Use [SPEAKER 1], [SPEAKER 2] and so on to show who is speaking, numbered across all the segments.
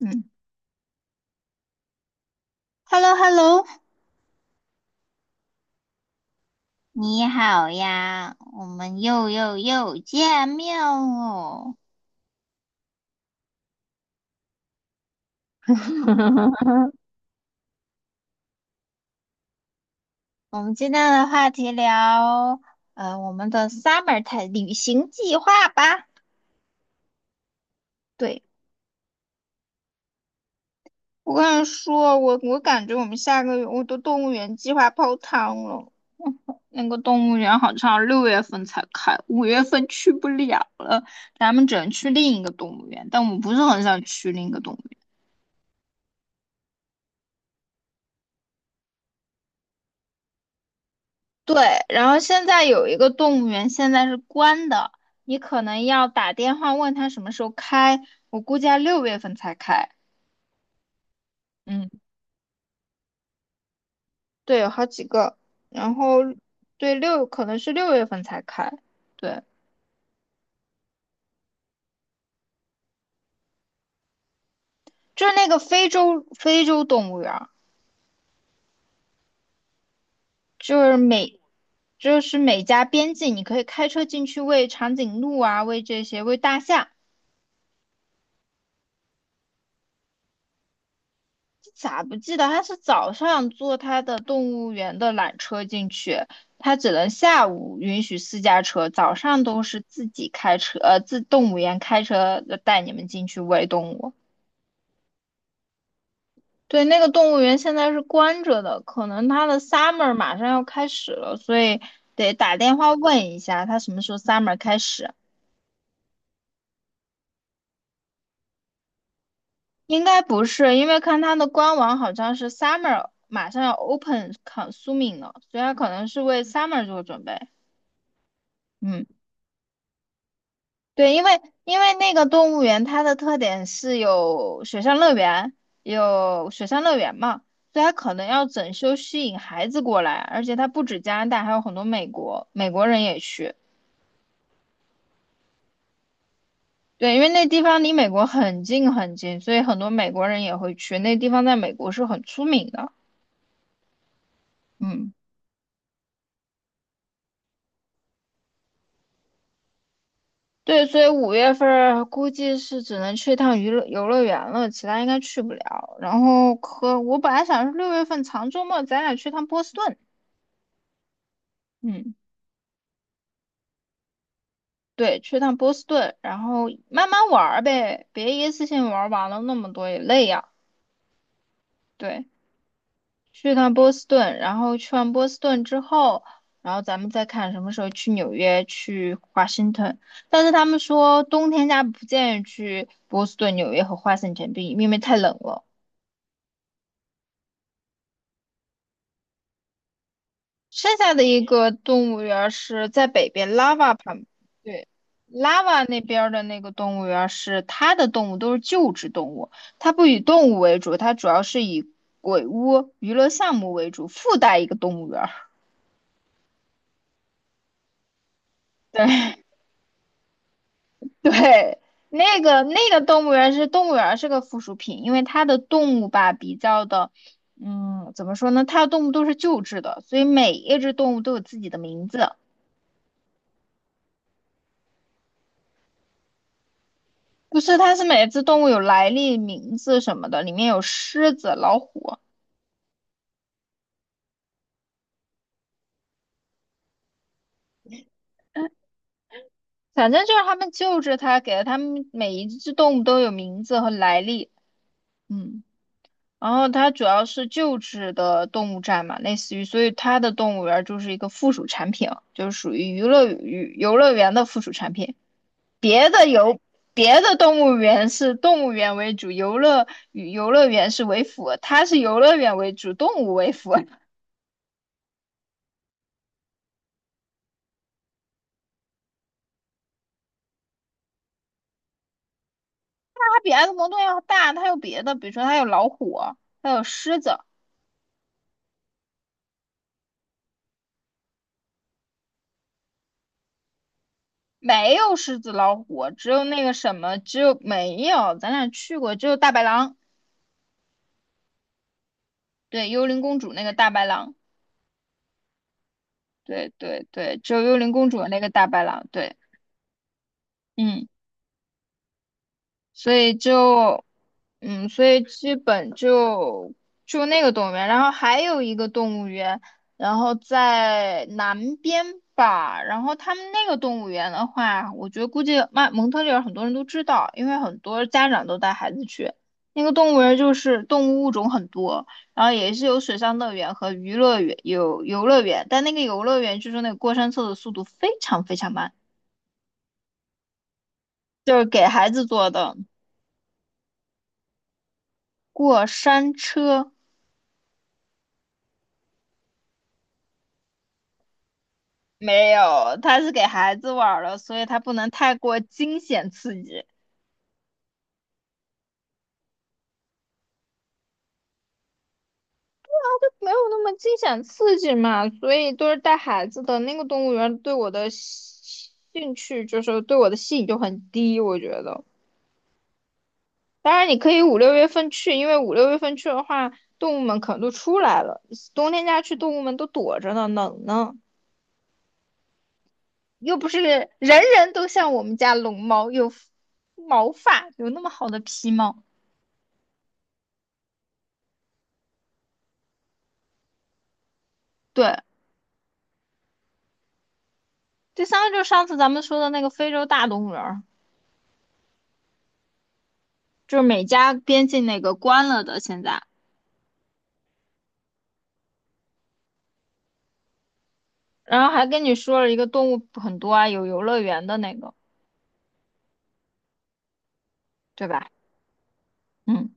[SPEAKER 1] 嗯，Hello Hello，你好呀，我们又见面喽。我们今天的话题聊，我们的 summer time 旅行计划吧。对，我跟你说，我感觉我们下个月我的动物园计划泡汤了。那个动物园好像六月份才开，五月份去不了了，咱们只能去另一个动物园。但我不是很想去另一个动物园。对，然后现在有一个动物园，现在是关的，你可能要打电话问他什么时候开，我估计要六月份才开。嗯，对，有好几个，然后对六可能是六月份才开，对，就是那个非洲动物园儿就是每就是每家边境，你可以开车进去喂长颈鹿啊，喂这些喂大象，咋不记得？他是早上坐他的动物园的缆车进去，他只能下午允许私家车，早上都是自己开车，自动物园开车带你们进去喂动物。对，那个动物园现在是关着的，可能他的 summer 马上要开始了，所以得打电话问一下他什么时候 summer 开始。应该不是，因为看他的官网好像是 summer 马上要 open consuming 了，所以他可能是为 summer 做准备。嗯。对，因为那个动物园它的特点是有水上乐园，有水上乐园嘛，所以它可能要整修吸引孩子过来，而且它不止加拿大，还有很多美国人也去。对，因为那地方离美国很近，所以很多美国人也会去。那地方在美国是很出名的，嗯，对，所以五月份儿估计是只能去一趟娱乐游乐园了，其他应该去不了。然后可我本来想是六月份长周末咱俩去趟波士顿，嗯。对，去趟波士顿，然后慢慢玩儿呗，别一次性玩儿完了那么多也累呀。对，去趟波士顿，然后去完波士顿之后，然后咱们再看什么时候去纽约、去华盛顿。但是他们说冬天家不建议去波士顿、纽约和华盛顿比因为太冷了。剩下的一个动物园儿是在北边，Lava 旁，对，Lava 那边儿的那个动物园儿是它的动物都是救治动物，它不以动物为主，它主要是以鬼屋娱乐项目为主，附带一个动物园儿对 对，那个动物园是动物园儿是个附属品，因为它的动物吧比较的，嗯，怎么说呢？它的动物都是救治的，所以每一只动物都有自己的名字。不是，它是每只动物有来历、名字什么的，里面有狮子、老虎，反正就是他们救治它，给了它们每一只动物都有名字和来历。嗯，然后它主要是救治的动物站嘛，类似于，所以它的动物园就是一个附属产品，就是属于娱乐娱游乐园的附属产品。别的游别的动物园是动物园为主，游乐与游乐园是为辅，它是游乐园为主，动物为辅。比埃德蒙顿要大，它有别的，比如说它有老虎，它有狮子，没有狮子、老虎，只有那个什么，只有没有，咱俩去过，只有大白狼，对，幽灵公主那个大白狼，对对对，只有幽灵公主的那个大白狼，对，嗯。所以就，嗯，所以基本就就那个动物园，然后还有一个动物园，然后在南边吧，然后他们那个动物园的话，我觉得估计曼蒙特利尔很多人都知道，因为很多家长都带孩子去。那个动物园就是动物物种很多，然后也是有水上乐园和娱乐园，有游乐园，但那个游乐园就是那个过山车的速度非常慢，就是给孩子坐的过山车。没有，它是给孩子玩儿的，所以它不能太过惊险刺激。没有那么惊险刺激嘛，所以都是带孩子的那个动物园对我的兴兴趣就是对我的吸引就很低，我觉得。当然你可以五六月份去，因为五六月份去的话，动物们可能都出来了，冬天家去动物们都躲着呢，冷呢，又不是人人都像我们家龙猫有毛发，有那么好的皮毛。对，第三个就是上次咱们说的那个非洲大动物园儿，就是美加边境那个关了的，现在，然后还跟你说了一个动物很多啊，有游乐园的那个，对吧？嗯，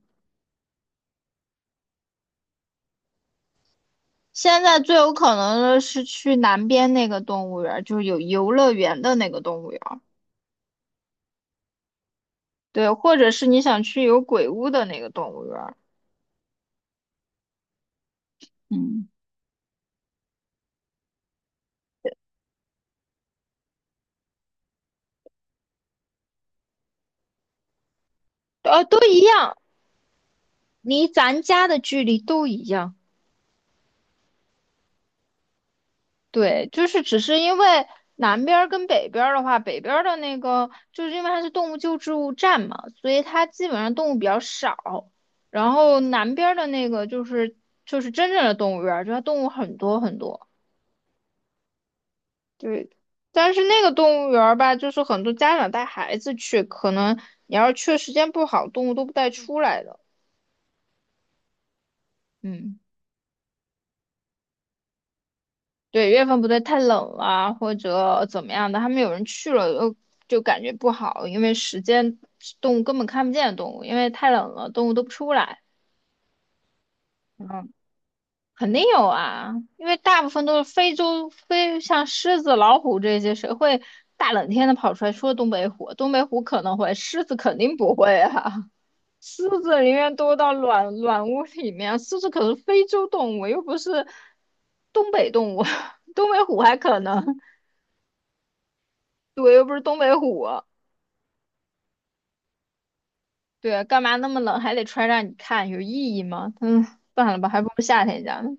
[SPEAKER 1] 现在最有可能的是去南边那个动物园儿，就是有游乐园的那个动物园儿，对，或者是你想去有鬼屋的那个动物园儿，嗯，都一样，离咱家的距离都一样。对，就是只是因为南边儿跟北边儿的话，北边儿的那个就是因为它是动物救助站嘛，所以它基本上动物比较少。然后南边儿的那个就是就是真正的动物园儿，就它动物很多。对，但是那个动物园儿吧，就是很多家长带孩子去，可能你要是去的时间不好，动物都不带出来的。嗯。对，月份不对，太冷了或者怎么样的，他们有人去了就感觉不好，因为时间动物根本看不见动物，因为太冷了，动物都不出来。嗯，肯定有啊，因为大部分都是非洲非像狮子、老虎这些，谁会大冷天的跑出来？除了东北虎，东北虎可能会，狮子肯定不会啊。狮子宁愿多到暖暖屋里面，狮子可是非洲动物，又不是东北动物，东北虎还可能。对，又不是东北虎，对，干嘛那么冷还得穿让你看，有意义吗？嗯，算了吧，还不如夏天家呢。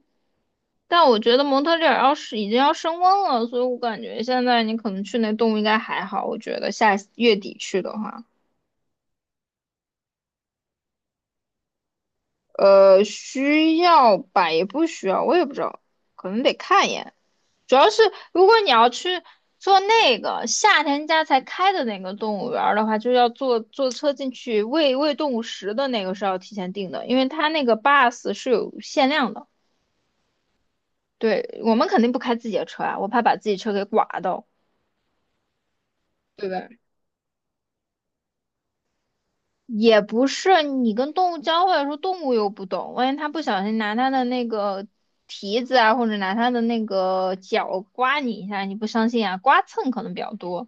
[SPEAKER 1] 但我觉得蒙特利尔要是已经要升温了，所以我感觉现在你可能去那动物应该还好。我觉得下月底去的话。需要吧，也不需要，我也不知道，可能得看一眼。主要是如果你要去做那个夏天家才开的那个动物园儿的话，就要坐车进去喂动物食的那个是要提前订的，因为它那个 bus 是有限量的。对，我们肯定不开自己的车啊，我怕把自己车给刮到，对吧？也不是你跟动物交换的时候，动物又不懂，万一它不小心拿它的那个蹄子啊，或者拿它的那个脚刮你一下，你不相信啊？刮蹭可能比较多，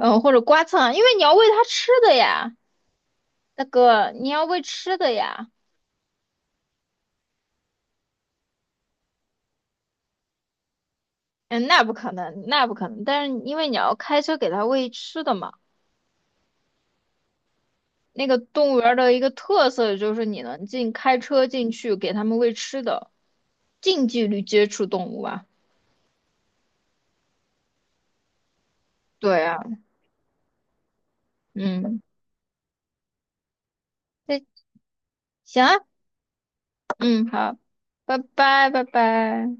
[SPEAKER 1] 或者刮蹭啊，因为你要喂它吃的呀，大哥，你要喂吃的呀，嗯，那不可能，那不可能，但是因为你要开车给它喂吃的嘛，那个动物园儿的一个特色就是你能开车进去给它们喂吃的，近距离接触动物啊，对啊，嗯。对，行啊，嗯，好，拜拜，拜拜。